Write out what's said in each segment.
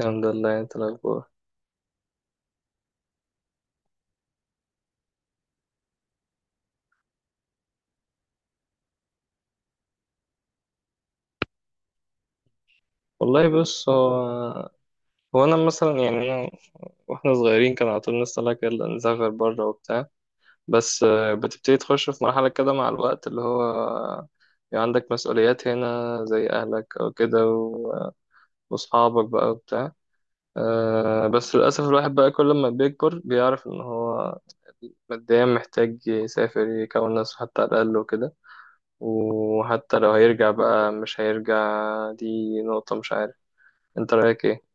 الحمد لله، انت؟ الاخبار؟ والله بص، هو انا مثلا يعني واحنا صغيرين كان على طول نطلع كده نسافر بره وبتاع. بس بتبتدي تخش في مرحله كده مع الوقت اللي هو يعني عندك مسؤوليات هنا زي اهلك او كده واصحابك بقى وبتاع. بس للاسف الواحد بقى كل ما بيكبر بيعرف ان هو ماديا محتاج يسافر يكون نفسه حتى على الاقل وكده، وحتى لو هيرجع بقى مش هيرجع. دي نقطه، مش عارف، انت رايك ايه؟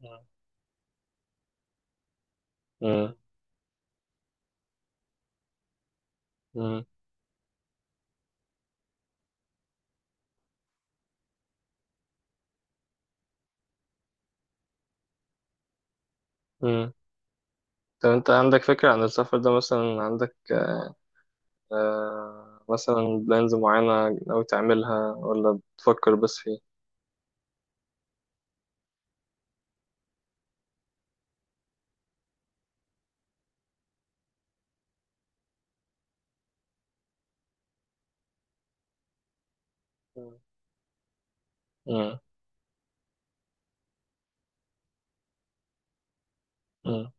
مم. مم. مم. طب انت عندك فكرة عن السفر ده؟ مثلا عندك آه مثلا بلانز معينة ناوي تعملها ولا بتفكر بس فيه؟ مم. مم. مم.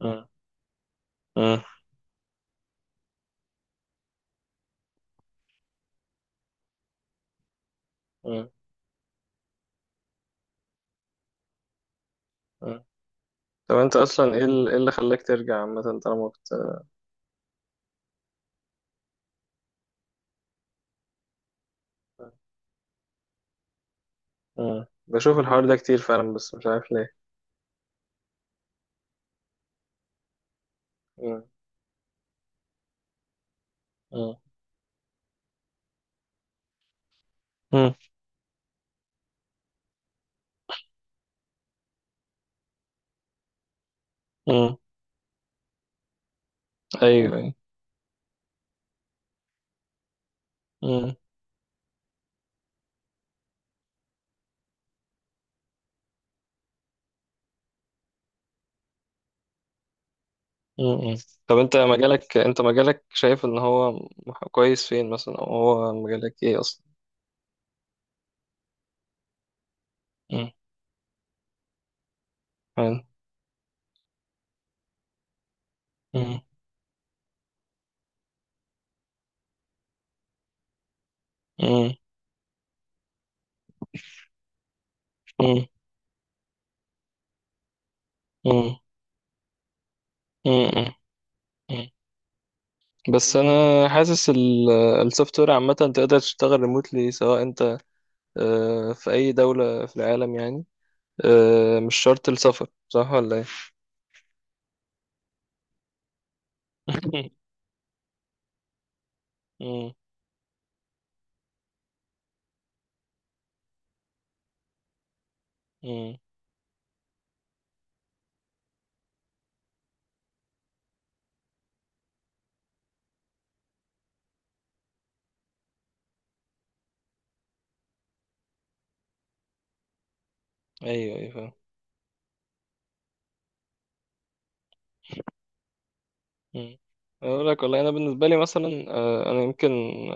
مم. مم. مم. مم. طب انت اصلا ايه إيه اللي خلاك ترجع عامة، طالما كنت؟ مم. بشوف الحوار ده كتير فعلا، بس مش عارف ليه. مم. مم. مم. مم. ايوه ايوه. مم. مم. طب انت مجالك، انت مجالك شايف ان هو كويس فين مثلا؟ او هو مجالك ايه اصلا؟ مم. حلو. مم. مم. مم. مم. مم. مم. بس انا حاسس السوفت وير عامه تقدر تشتغل ريموتلي، سواء انت في اي دوله في العالم يعني. مش شرط السفر، صح ولا ايه؟ مم. مم. ايوه ايوه فاهم. مم. اقول لك والله، انا بالنسبه لي مثلا انا يمكن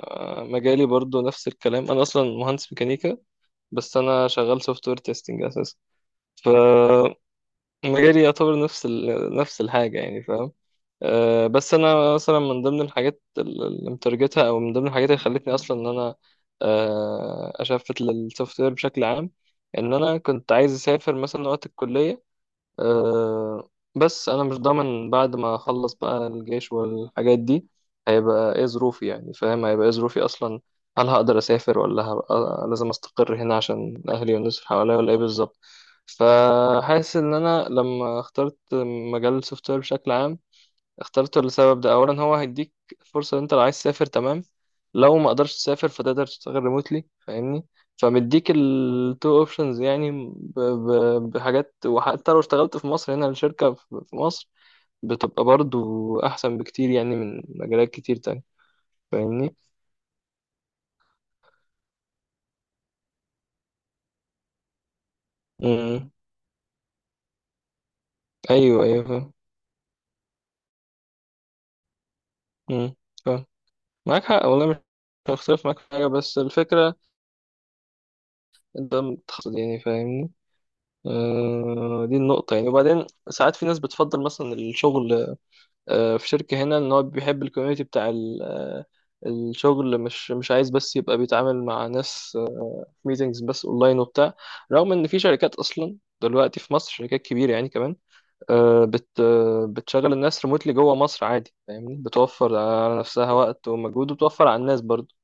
مجالي برضو نفس الكلام، انا اصلا مهندس ميكانيكا بس انا شغال سوفت وير تيستنج اساسا. ف مجالي يعتبر نفس نفس الحاجة يعني فاهم. أه بس أنا مثلا من ضمن الحاجات اللي مترجتها، أو من ضمن الحاجات اللي خلتني أصلا إن أنا أه أشفت للسوفت وير بشكل عام، إن أنا كنت عايز أسافر مثلا وقت الكلية. أه بس انا مش ضامن بعد ما اخلص بقى الجيش والحاجات دي هيبقى ايه ظروفي يعني، فاهم؟ هيبقى ايه ظروفي اصلا؟ هل هقدر اسافر ولا هبقى لازم استقر هنا عشان اهلي والناس اللي حواليا، ولا ايه بالظبط؟ فحاسس ان انا لما اخترت مجال السوفت وير بشكل عام اخترته لسبب ده، اولا هو هيديك فرصه ان انت لو عايز تسافر، تمام. لو ما قدرتش تسافر فتقدر تشتغل ريموتلي فاهمني. فمديك التو اوبشنز يعني بحاجات. وحتى لو اشتغلت في مصر هنا، الشركه في مصر بتبقى برضو احسن بكتير يعني من مجالات كتير تانية، فاهمني. امم. ايوه ايوه فاهم. امم. فاهم. معاك حق والله، مش هختلف معاك في حاجه، بس الفكره ده متخصص يعني فاهمني. دي النقطة يعني. وبعدين ساعات في ناس بتفضل مثلا الشغل في شركة هنا، ان هو بيحب الكوميونتي بتاع الشغل، مش عايز بس يبقى بيتعامل مع ناس في ميتنجز بس اونلاين وبتاع. رغم ان في شركات اصلا دلوقتي في مصر، شركات كبيرة يعني كمان، آه، بت آه، بتشغل الناس ريموتلي جوه مصر عادي فاهمني، بتوفر على نفسها وقت ومجهود، وبتوفر على الناس برضه،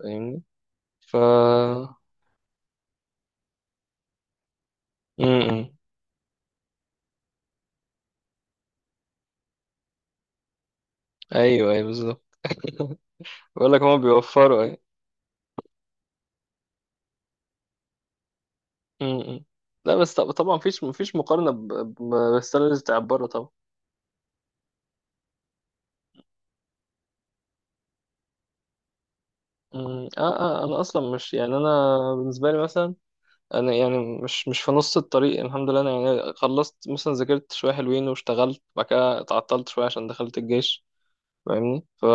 فاهمني. ف م- م. ايوه ايوه بالظبط. بقول لك هما بيوفروا، أيوه. امم. لا بس طبعا مفيش مقارنة بالسالاريز بتاع بره طبعا. امم. اه اه، انا اصلا مش يعني، انا بالنسبة لي مثلا انا يعني مش في نص الطريق، الحمد لله، انا يعني خلصت مثلا، ذاكرت شوية حلوين، واشتغلت بعد كده، اتعطلت شوية عشان دخلت الجيش فاهمني.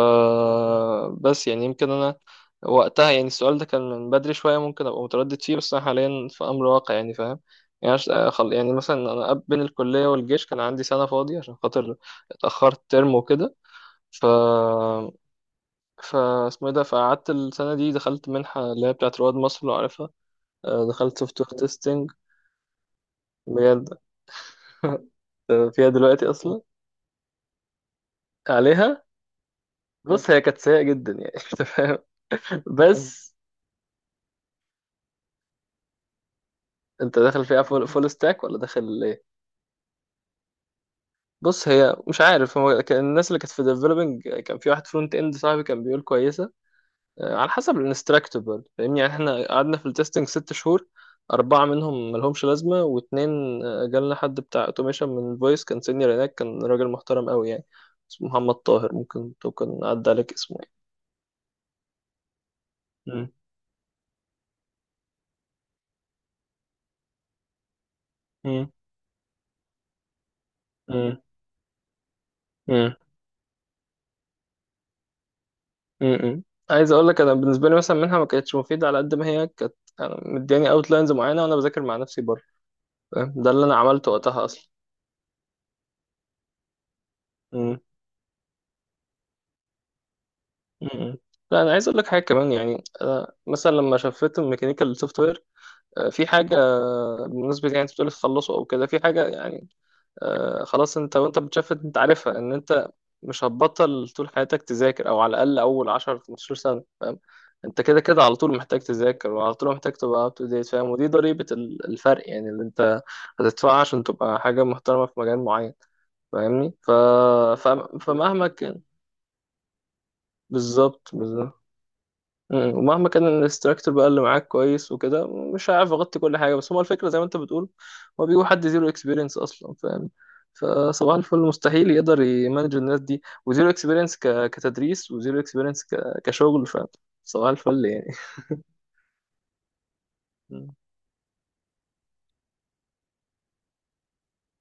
بس يعني يمكن انا وقتها يعني السؤال ده كان من بدري شويه، ممكن ابقى متردد فيه، بس انا حاليا في امر واقع يعني فاهم. يعني يعني مثلا انا بين الكليه والجيش كان عندي سنه فاضيه عشان خاطر اتاخرت ترم وكده. ف ف اسمه إيه ده، فقعدت السنه دي دخلت منحه اللي هي بتاعت رواد مصر لو عارفها. دخلت سوفت وير تيستنج. بجد. فيها دلوقتي اصلا؟ عليها. بص، هي كانت سيئه جدا يعني. انت فاهم. مم. بس انت داخل فيها فول، فول ستاك ولا داخل ايه؟ بص، هي مش عارف، هو كان الناس اللي كانت في ديفلوبينج، كان في واحد فرونت اند صاحبي كان بيقول كويسه. على حسب الانستراكتور برضه فاهمني. يعني احنا قعدنا في التستنج ست شهور، أربعة منهم ملهمش لازمة، واتنين جالنا حد بتاع اوتوميشن من الفويس، كان سينيور هناك، كان راجل محترم قوي يعني، اسمه محمد طاهر، ممكن تكون عدى عليك اسمه يعني. مم. مم. مم. م-م. عايز اقول لك، انا بالنسبه لي مثلا منها ما كانتش مفيده على قد ما هي كانت. أنا مدياني اوتلاينز معينه وانا بذاكر مع نفسي بره فاهم؟ ده اللي انا عملته وقتها اصلا. م-م. م-م. لا، انا عايز اقول لك حاجه كمان يعني، أنا مثلا لما شفت الميكانيكال سوفت وير في حاجه بالنسبه، يعني انت بتقول تخلصه او كده، في حاجه يعني خلاص انت وانت بتشفت انت عارفها ان انت مش هتبطل طول حياتك تذاكر، او على الاقل اول 10 15 سنه فاهم. انت كده كده على طول محتاج تذاكر، وعلى طول محتاج تبقى اب تو ديت فاهم، ودي ضريبه الفرق يعني اللي انت هتدفعها عشان تبقى حاجه محترمه في مجال معين فاهمني. ف... فمهما كان. بالظبط بالظبط. مم. ومهما كان الانستراكتور بقى اللي معاك كويس وكده، مش هعرف اغطي كل حاجه، بس هو الفكره زي ما انت بتقول، هو بيجيبوا حد زيرو اكسبيرينس اصلا فاهم. فصباح الفل مستحيل يقدر يمانج الناس دي وزيرو اكسبيرينس كتدريس، وزيرو اكسبيرينس كشغل فاهم. صباح الفل يعني. مم.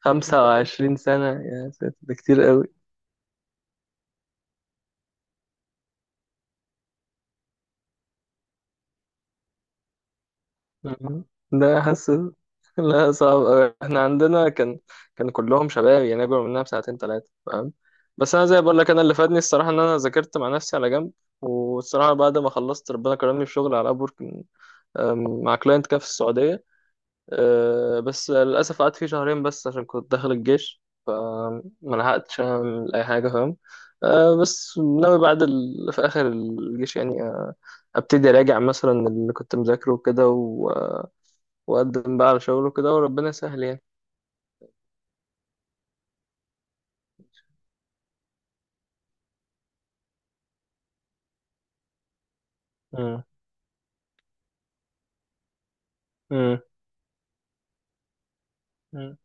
25 سنه، يا ساتر، ده كتير قوي. مم. ده حاسس. لا صعب أوي. احنا عندنا كان كان كلهم شباب يعني، اكبر مننا بساعتين ثلاثه فاهم. بس انا زي بقول لك، انا اللي فادني الصراحه ان انا ذاكرت مع نفسي على جنب. والصراحه بعد ما خلصت ربنا كرمني في شغل على ابورك، مع كلاينت كده في السعوديه. بس للاسف قعدت فيه شهرين بس عشان كنت داخل الجيش، فما لحقتش اعمل اي حاجه فاهم. بس ناوي بعد في اخر الجيش يعني ابتدي اراجع مثلا اللي كنت مذاكره وكده، وقدم بقى على شغله كده، وربنا يسهل يعني. مم. مم. مم.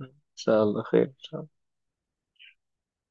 إن شاء الله خير.